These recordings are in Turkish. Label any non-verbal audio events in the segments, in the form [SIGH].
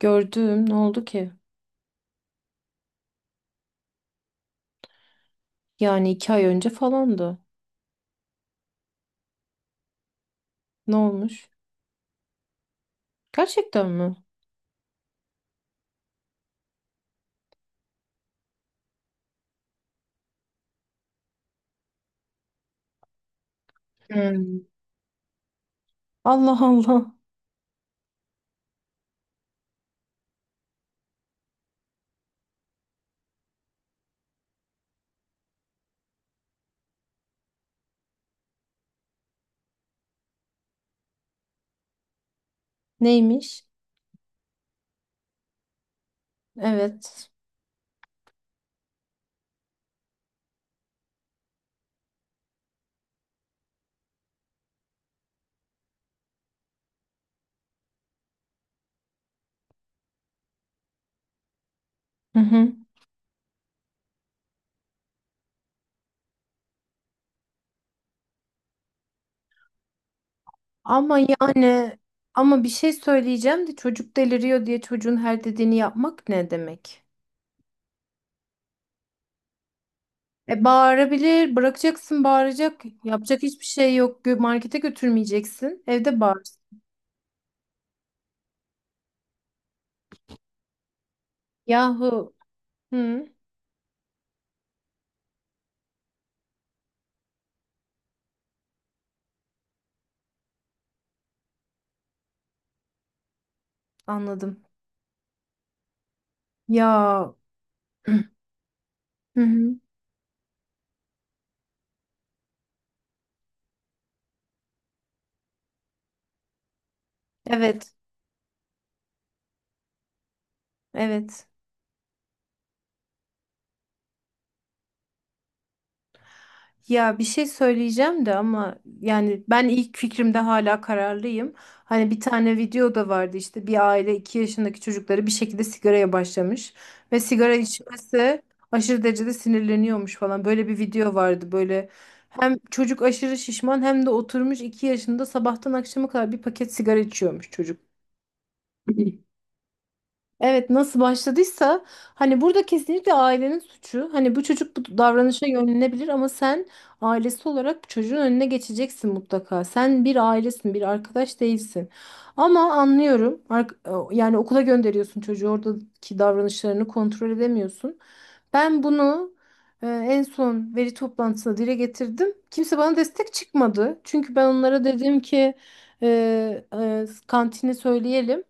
Gördüm. Ne oldu ki? Yani 2 ay önce falandı. Ne olmuş? Gerçekten mi? Hmm. Allah Allah. Neymiş? Evet. Hı hı. Ama yani ama bir şey söyleyeceğim de çocuk deliriyor diye çocuğun her dediğini yapmak ne demek? E bağırabilir, bırakacaksın bağıracak. Yapacak hiçbir şey yok. Markete götürmeyeceksin. Evde bağır. Yahu. Hı, anladım. Ya. [CLEARS THROAT] Hı hı. Evet. Evet. Ya bir şey söyleyeceğim de ama yani ben ilk fikrimde hala kararlıyım. Hani bir tane video da vardı işte bir aile 2 yaşındaki çocukları bir şekilde sigaraya başlamış ve sigara içmesi aşırı derecede sinirleniyormuş falan. Böyle bir video vardı böyle hem çocuk aşırı şişman hem de oturmuş 2 yaşında sabahtan akşama kadar bir paket sigara içiyormuş çocuk. Evet nasıl başladıysa hani burada kesinlikle ailenin suçu. Hani bu çocuk bu davranışa yönlenebilir ama sen ailesi olarak çocuğun önüne geçeceksin mutlaka. Sen bir ailesin, bir arkadaş değilsin. Ama anlıyorum. Yani okula gönderiyorsun çocuğu oradaki davranışlarını kontrol edemiyorsun. Ben bunu en son veri toplantısında dile getirdim. Kimse bana destek çıkmadı. Çünkü ben onlara dedim ki e, kantini söyleyelim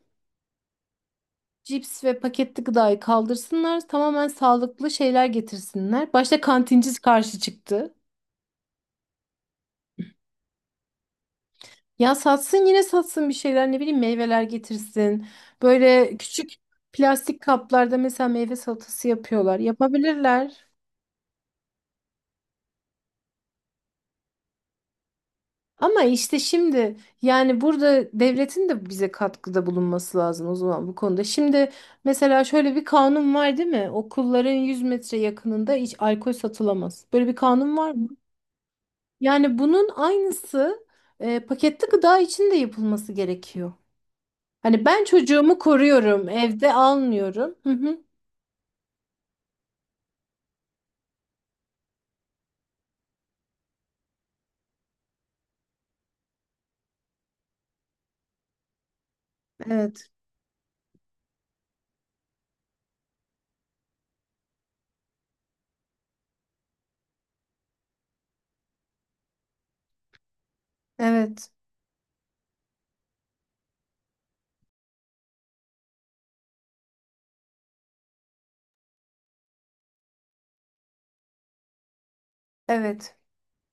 cips ve paketli gıdayı kaldırsınlar, tamamen sağlıklı şeyler getirsinler. Başta kantinci karşı çıktı. Ya satsın yine satsın bir şeyler ne bileyim meyveler getirsin. Böyle küçük plastik kaplarda mesela meyve salatası yapıyorlar. Yapabilirler. Ama işte şimdi yani burada devletin de bize katkıda bulunması lazım o zaman bu konuda. Şimdi mesela şöyle bir kanun var değil mi? Okulların 100 metre yakınında hiç alkol satılamaz. Böyle bir kanun var mı? Yani bunun aynısı paketli gıda için de yapılması gerekiyor. Hani ben çocuğumu koruyorum, evde almıyorum. Hı hı. Evet, evet, evet.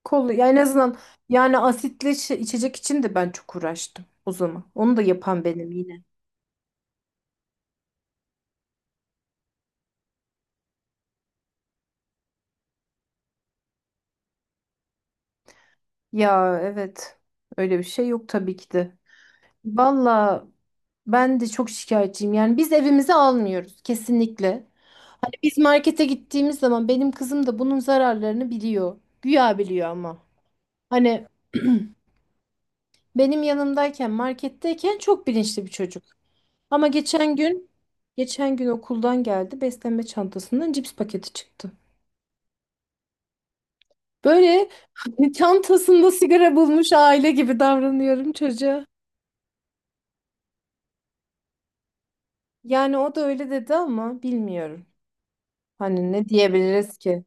Kol, ya en azından yani asitli içecek için de ben çok uğraştım o zaman. Onu da yapan benim yine. Ya evet, öyle bir şey yok tabii ki de. Valla ben de çok şikayetçiyim. Yani biz evimize almıyoruz kesinlikle. Hani biz markete gittiğimiz zaman benim kızım da bunun zararlarını biliyor. Güya biliyor ama. Hani benim yanımdayken, marketteyken çok bilinçli bir çocuk. Ama geçen gün okuldan geldi. Beslenme çantasından cips paketi çıktı. Böyle [LAUGHS] çantasında sigara bulmuş aile gibi davranıyorum çocuğa. Yani o da öyle dedi ama bilmiyorum. Hani ne diyebiliriz ki?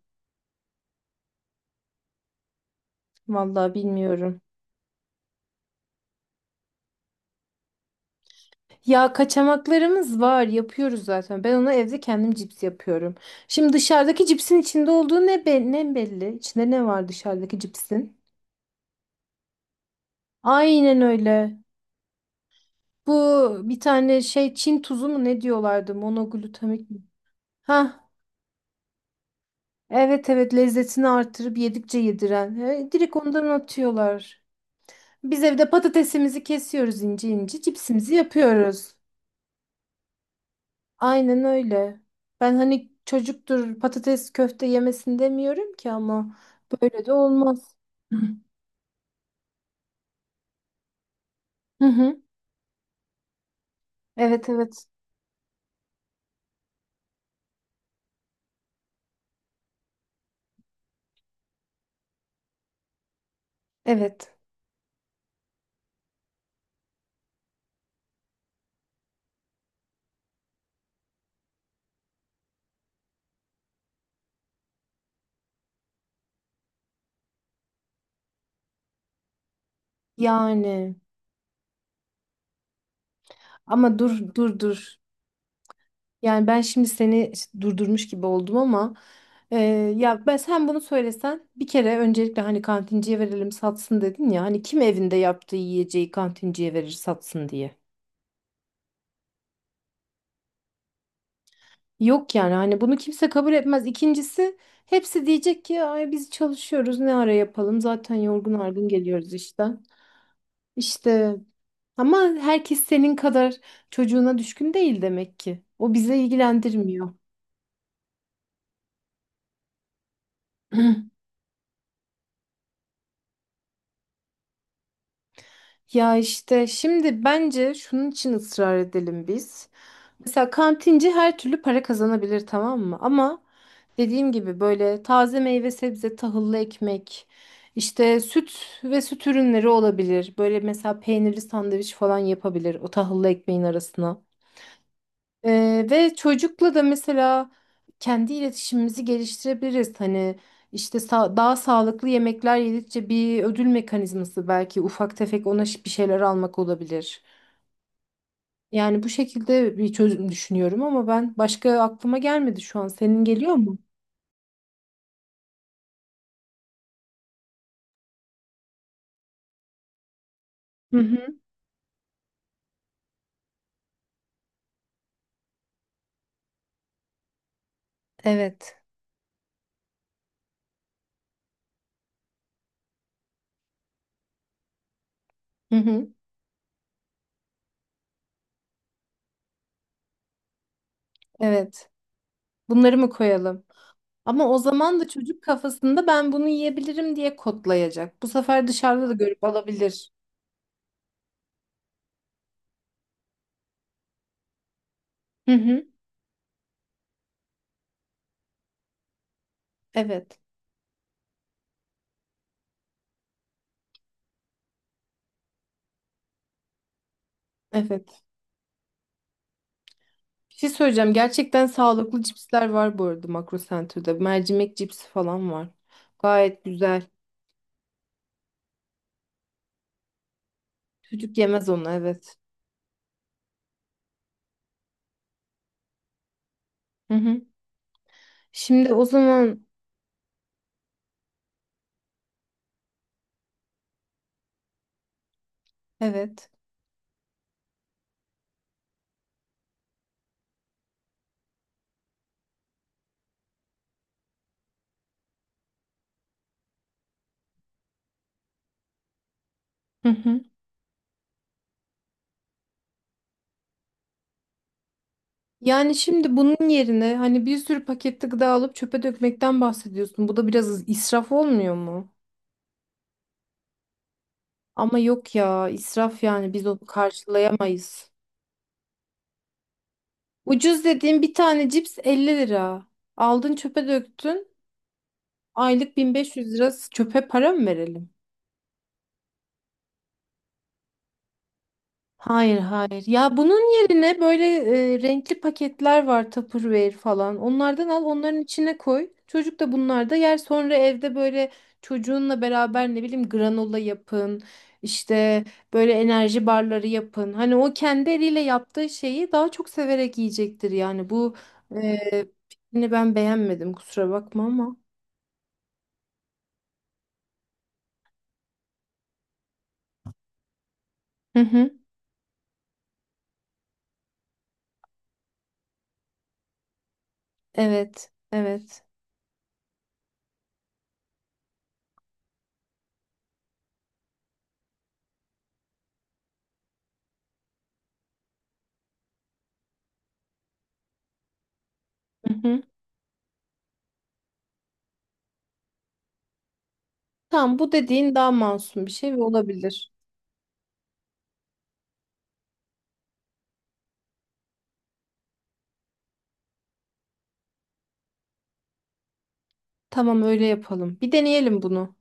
Vallahi bilmiyorum. Ya kaçamaklarımız var, yapıyoruz zaten. Ben ona evde kendim cips yapıyorum. Şimdi dışarıdaki cipsin içinde olduğu ne, ne belli? İçinde ne var dışarıdaki cipsin? Aynen öyle. Bu bir tane şey Çin tuzu mu ne diyorlardı? Monoglutamik mi? Ha, evet evet lezzetini artırıp yedikçe yediren. E, direkt ondan atıyorlar. Biz evde patatesimizi kesiyoruz ince ince, cipsimizi yapıyoruz. Aynen öyle. Ben hani çocuktur patates köfte yemesin demiyorum ki ama böyle de olmaz. Hı hı. Evet evet. Evet. Yani ama dur dur dur. Yani ben şimdi seni işte durdurmuş gibi oldum ama e, ya ben sen bunu söylesen bir kere öncelikle hani kantinciye verelim satsın dedin ya hani kim evinde yaptığı yiyeceği kantinciye verir satsın diye. Yok yani hani bunu kimse kabul etmez. İkincisi hepsi diyecek ki ay biz çalışıyoruz ne ara yapalım zaten yorgun argın geliyoruz işten. İşte ama herkes senin kadar çocuğuna düşkün değil demek ki. O bize ilgilendirmiyor. [CLEARS THROAT] Ya işte şimdi bence şunun için ısrar edelim biz. Mesela kantinci her türlü para kazanabilir tamam mı? Ama dediğim gibi böyle taze meyve sebze, tahıllı ekmek, işte süt ve süt ürünleri olabilir. Böyle mesela peynirli sandviç falan yapabilir o tahıllı ekmeğin arasına. Ve çocukla da mesela kendi iletişimimizi geliştirebiliriz. Hani işte daha sağlıklı yemekler yedikçe bir ödül mekanizması belki ufak tefek ona bir şeyler almak olabilir. Yani bu şekilde bir çözüm düşünüyorum ama ben başka aklıma gelmedi şu an. Senin geliyor mu? Hı hı. Evet. Hı hı. Evet. Bunları mı koyalım? Ama o zaman da çocuk kafasında ben bunu yiyebilirim diye kodlayacak. Bu sefer dışarıda da görüp alabilir. Hı hı. Evet. Evet. Bir şey söyleyeceğim. Gerçekten sağlıklı cipsler var bu arada Makro Center'da. Mercimek cipsi falan var. Gayet güzel. Çocuk yemez onu evet. Hı hı. Şimdi o zaman evet. Hı hı. Yani şimdi bunun yerine hani bir sürü paketli gıda alıp çöpe dökmekten bahsediyorsun. Bu da biraz israf olmuyor mu? Ama yok ya israf yani biz onu karşılayamayız. Ucuz dediğim bir tane cips 50 lira. Aldın çöpe döktün. Aylık 1500 lira çöpe para mı verelim? Hayır hayır. Ya bunun yerine böyle renkli paketler var Tupperware falan. Onlardan al, onların içine koy. Çocuk da bunlarda yer. Sonra evde böyle çocuğunla beraber ne bileyim granola yapın. İşte böyle enerji barları yapın. Hani o kendi eliyle yaptığı şeyi daha çok severek yiyecektir yani. Bu fikrini ben beğenmedim kusura bakma ama. Hı hı. Evet, evet. Hı hı. Tamam bu dediğin daha masum bir şey ve olabilir. Tamam öyle yapalım. Bir deneyelim bunu.